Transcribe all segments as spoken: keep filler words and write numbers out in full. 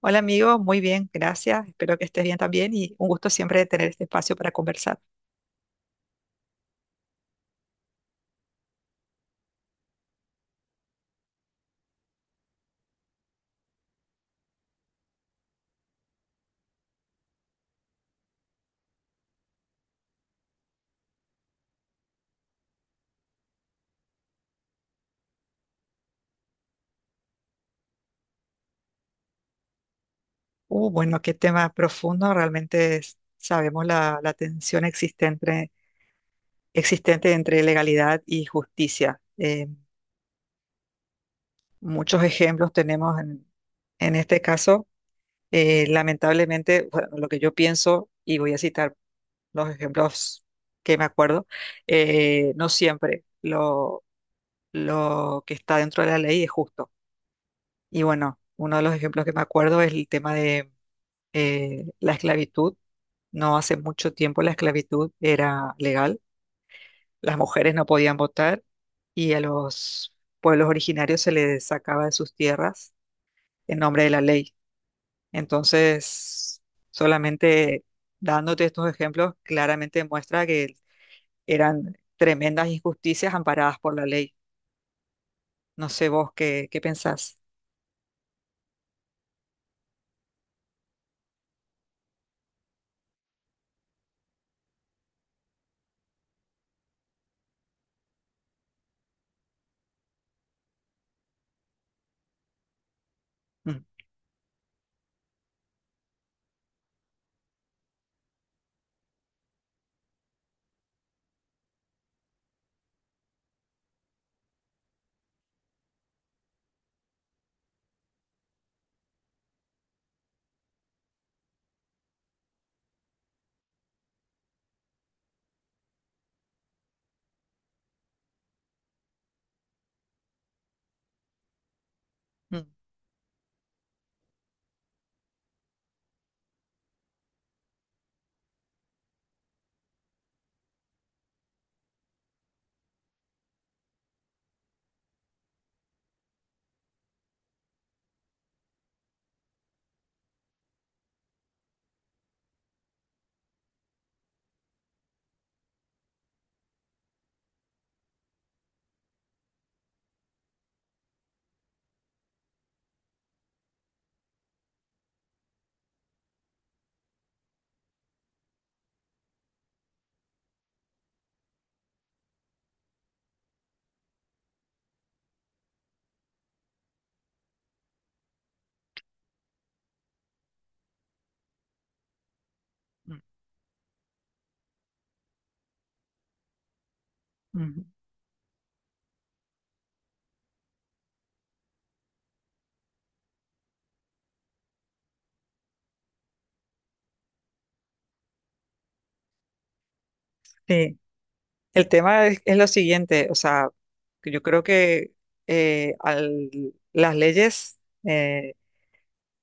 Hola amigo, muy bien, gracias. Espero que estés bien también y un gusto siempre tener este espacio para conversar. Uh, bueno, qué tema profundo. Realmente es- sabemos la, la tensión existente, existente entre legalidad y justicia. Eh, muchos ejemplos tenemos en, en este caso. Eh, lamentablemente, bueno, lo que yo pienso, y voy a citar los ejemplos que me acuerdo, eh, no siempre lo, lo que está dentro de la ley es justo. Y bueno, uno de los ejemplos que me acuerdo es el tema de eh, la esclavitud. No hace mucho tiempo la esclavitud era legal, las mujeres no podían votar y a los pueblos originarios se les sacaba de sus tierras en nombre de la ley. Entonces, solamente dándote estos ejemplos, claramente demuestra que eran tremendas injusticias amparadas por la ley. No sé vos qué, qué pensás. Mm, mm, mm, mm. Sí. El tema es, es lo siguiente, o sea, que yo creo que eh, al- las leyes eh,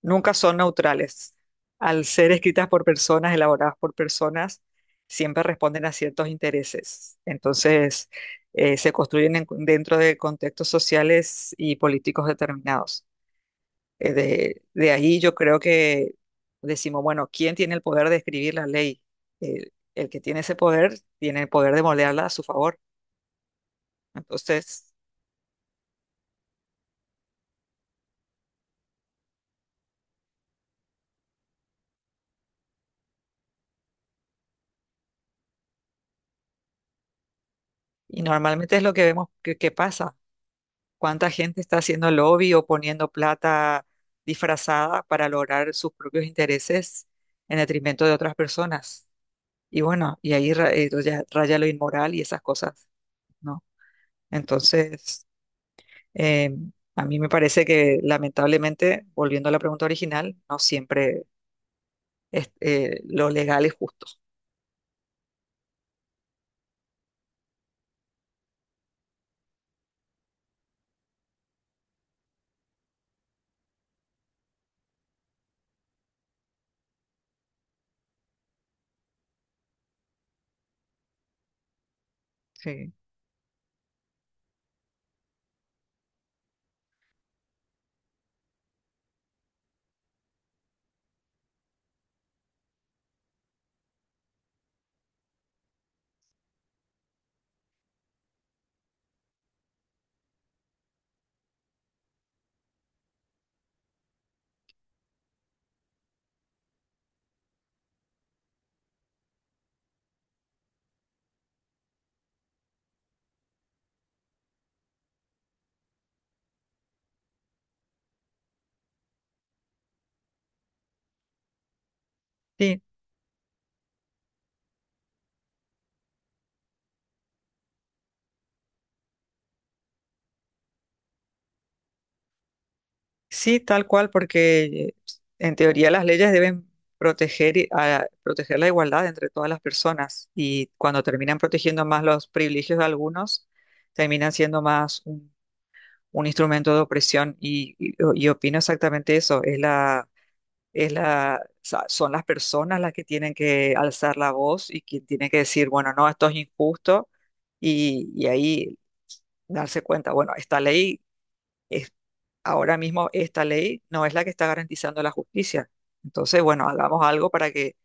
nunca son neutrales. Al ser escritas por personas, elaboradas por personas, siempre responden a ciertos intereses. Entonces, eh, se construyen en- dentro de contextos sociales y políticos determinados. Eh, de, de ahí yo creo que decimos, bueno, ¿quién tiene el poder de escribir la ley? el el que tiene ese poder tiene el poder de moldearla a su favor. Entonces, y normalmente es lo que vemos que, que pasa. ¿Cuánta gente está haciendo lobby o poniendo plata disfrazada para lograr sus propios intereses en detrimento de otras personas? Y bueno, y ahí ra- eh, ya raya lo inmoral y esas cosas, ¿no? Entonces, eh, a mí me parece que lamentablemente, volviendo a la pregunta original, no siempre es- eh, lo legal es justo. Sí. Sí, Sí, tal cual, porque en teoría las leyes deben proteger, y- a- proteger la igualdad entre todas las personas y cuando terminan protegiendo más los privilegios de algunos, terminan siendo más un, un instrumento de opresión y, y, y opino exactamente eso, es la, es la, sa- son las personas las que tienen que alzar la voz y quien tiene que decir, bueno, no, esto es injusto y, y ahí darse cuenta, bueno, esta ley es- ahora mismo esta ley no es la que está garantizando la justicia. Entonces, bueno, hagamos algo para que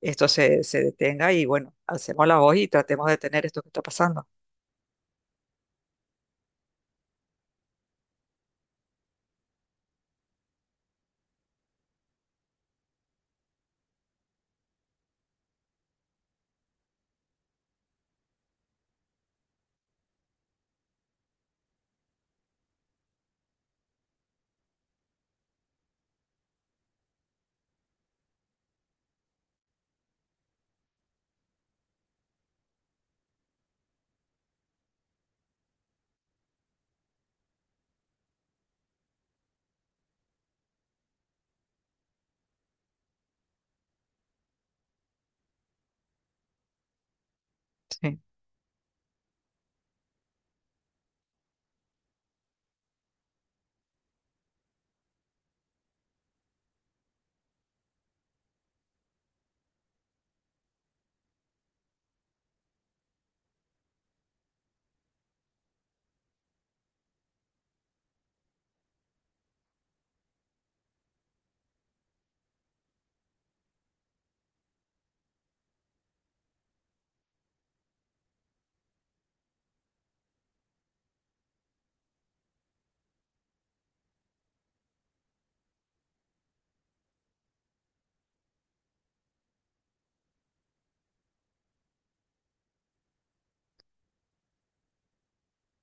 esto se, se detenga y bueno, hacemos la voz y tratemos de detener esto que está pasando.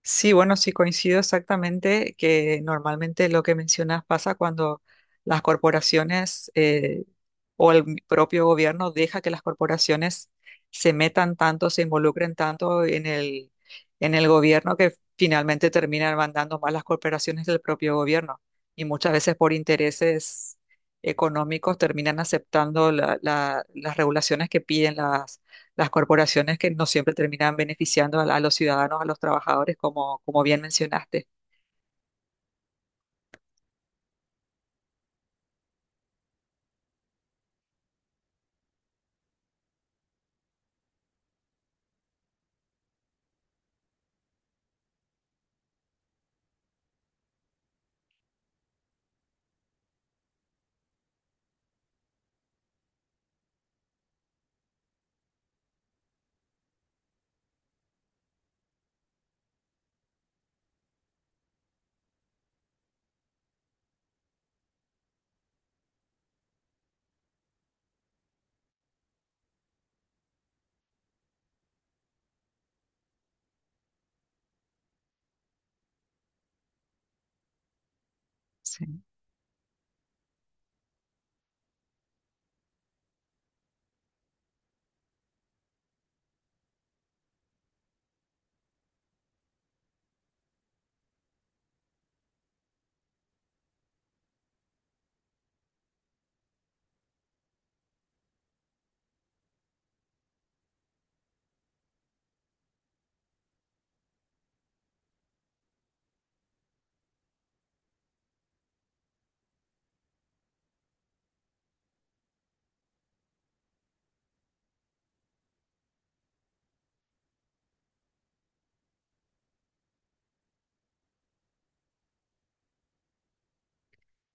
Sí, bueno, sí coincido exactamente que normalmente lo que mencionas pasa cuando las corporaciones eh, o el mi- propio gobierno deja que las corporaciones se metan tanto, se involucren tanto en el, en el gobierno que finalmente terminan mandando más las corporaciones del propio gobierno. Y muchas veces por intereses económicos terminan aceptando la- la- las regulaciones que piden las corporaciones que no siempre terminan beneficiando a, la- a los ciudadanos, a los trabajadores, como, como bien mencionaste. Sí,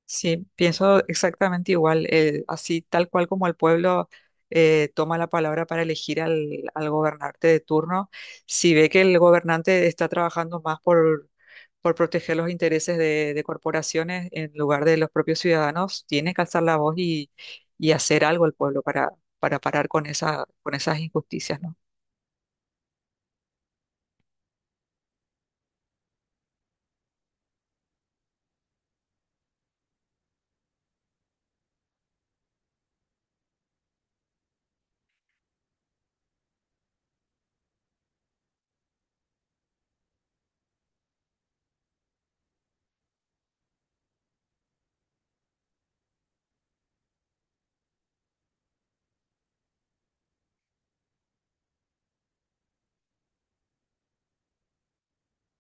Sí, pienso exactamente igual, eh, así tal cual como el pueblo eh, toma la palabra para elegir al, al gobernante de turno, si ve que el gobernante está trabajando más por, por proteger los intereses de, de corporaciones en lugar de los propios ciudadanos, tiene que alzar la voz y, y hacer algo el pueblo para, para parar con esa, con esas injusticias, ¿no?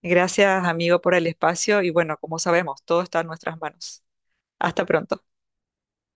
Gracias, amigo, por el espacio y bueno, como sabemos, todo está en nuestras manos. Hasta pronto.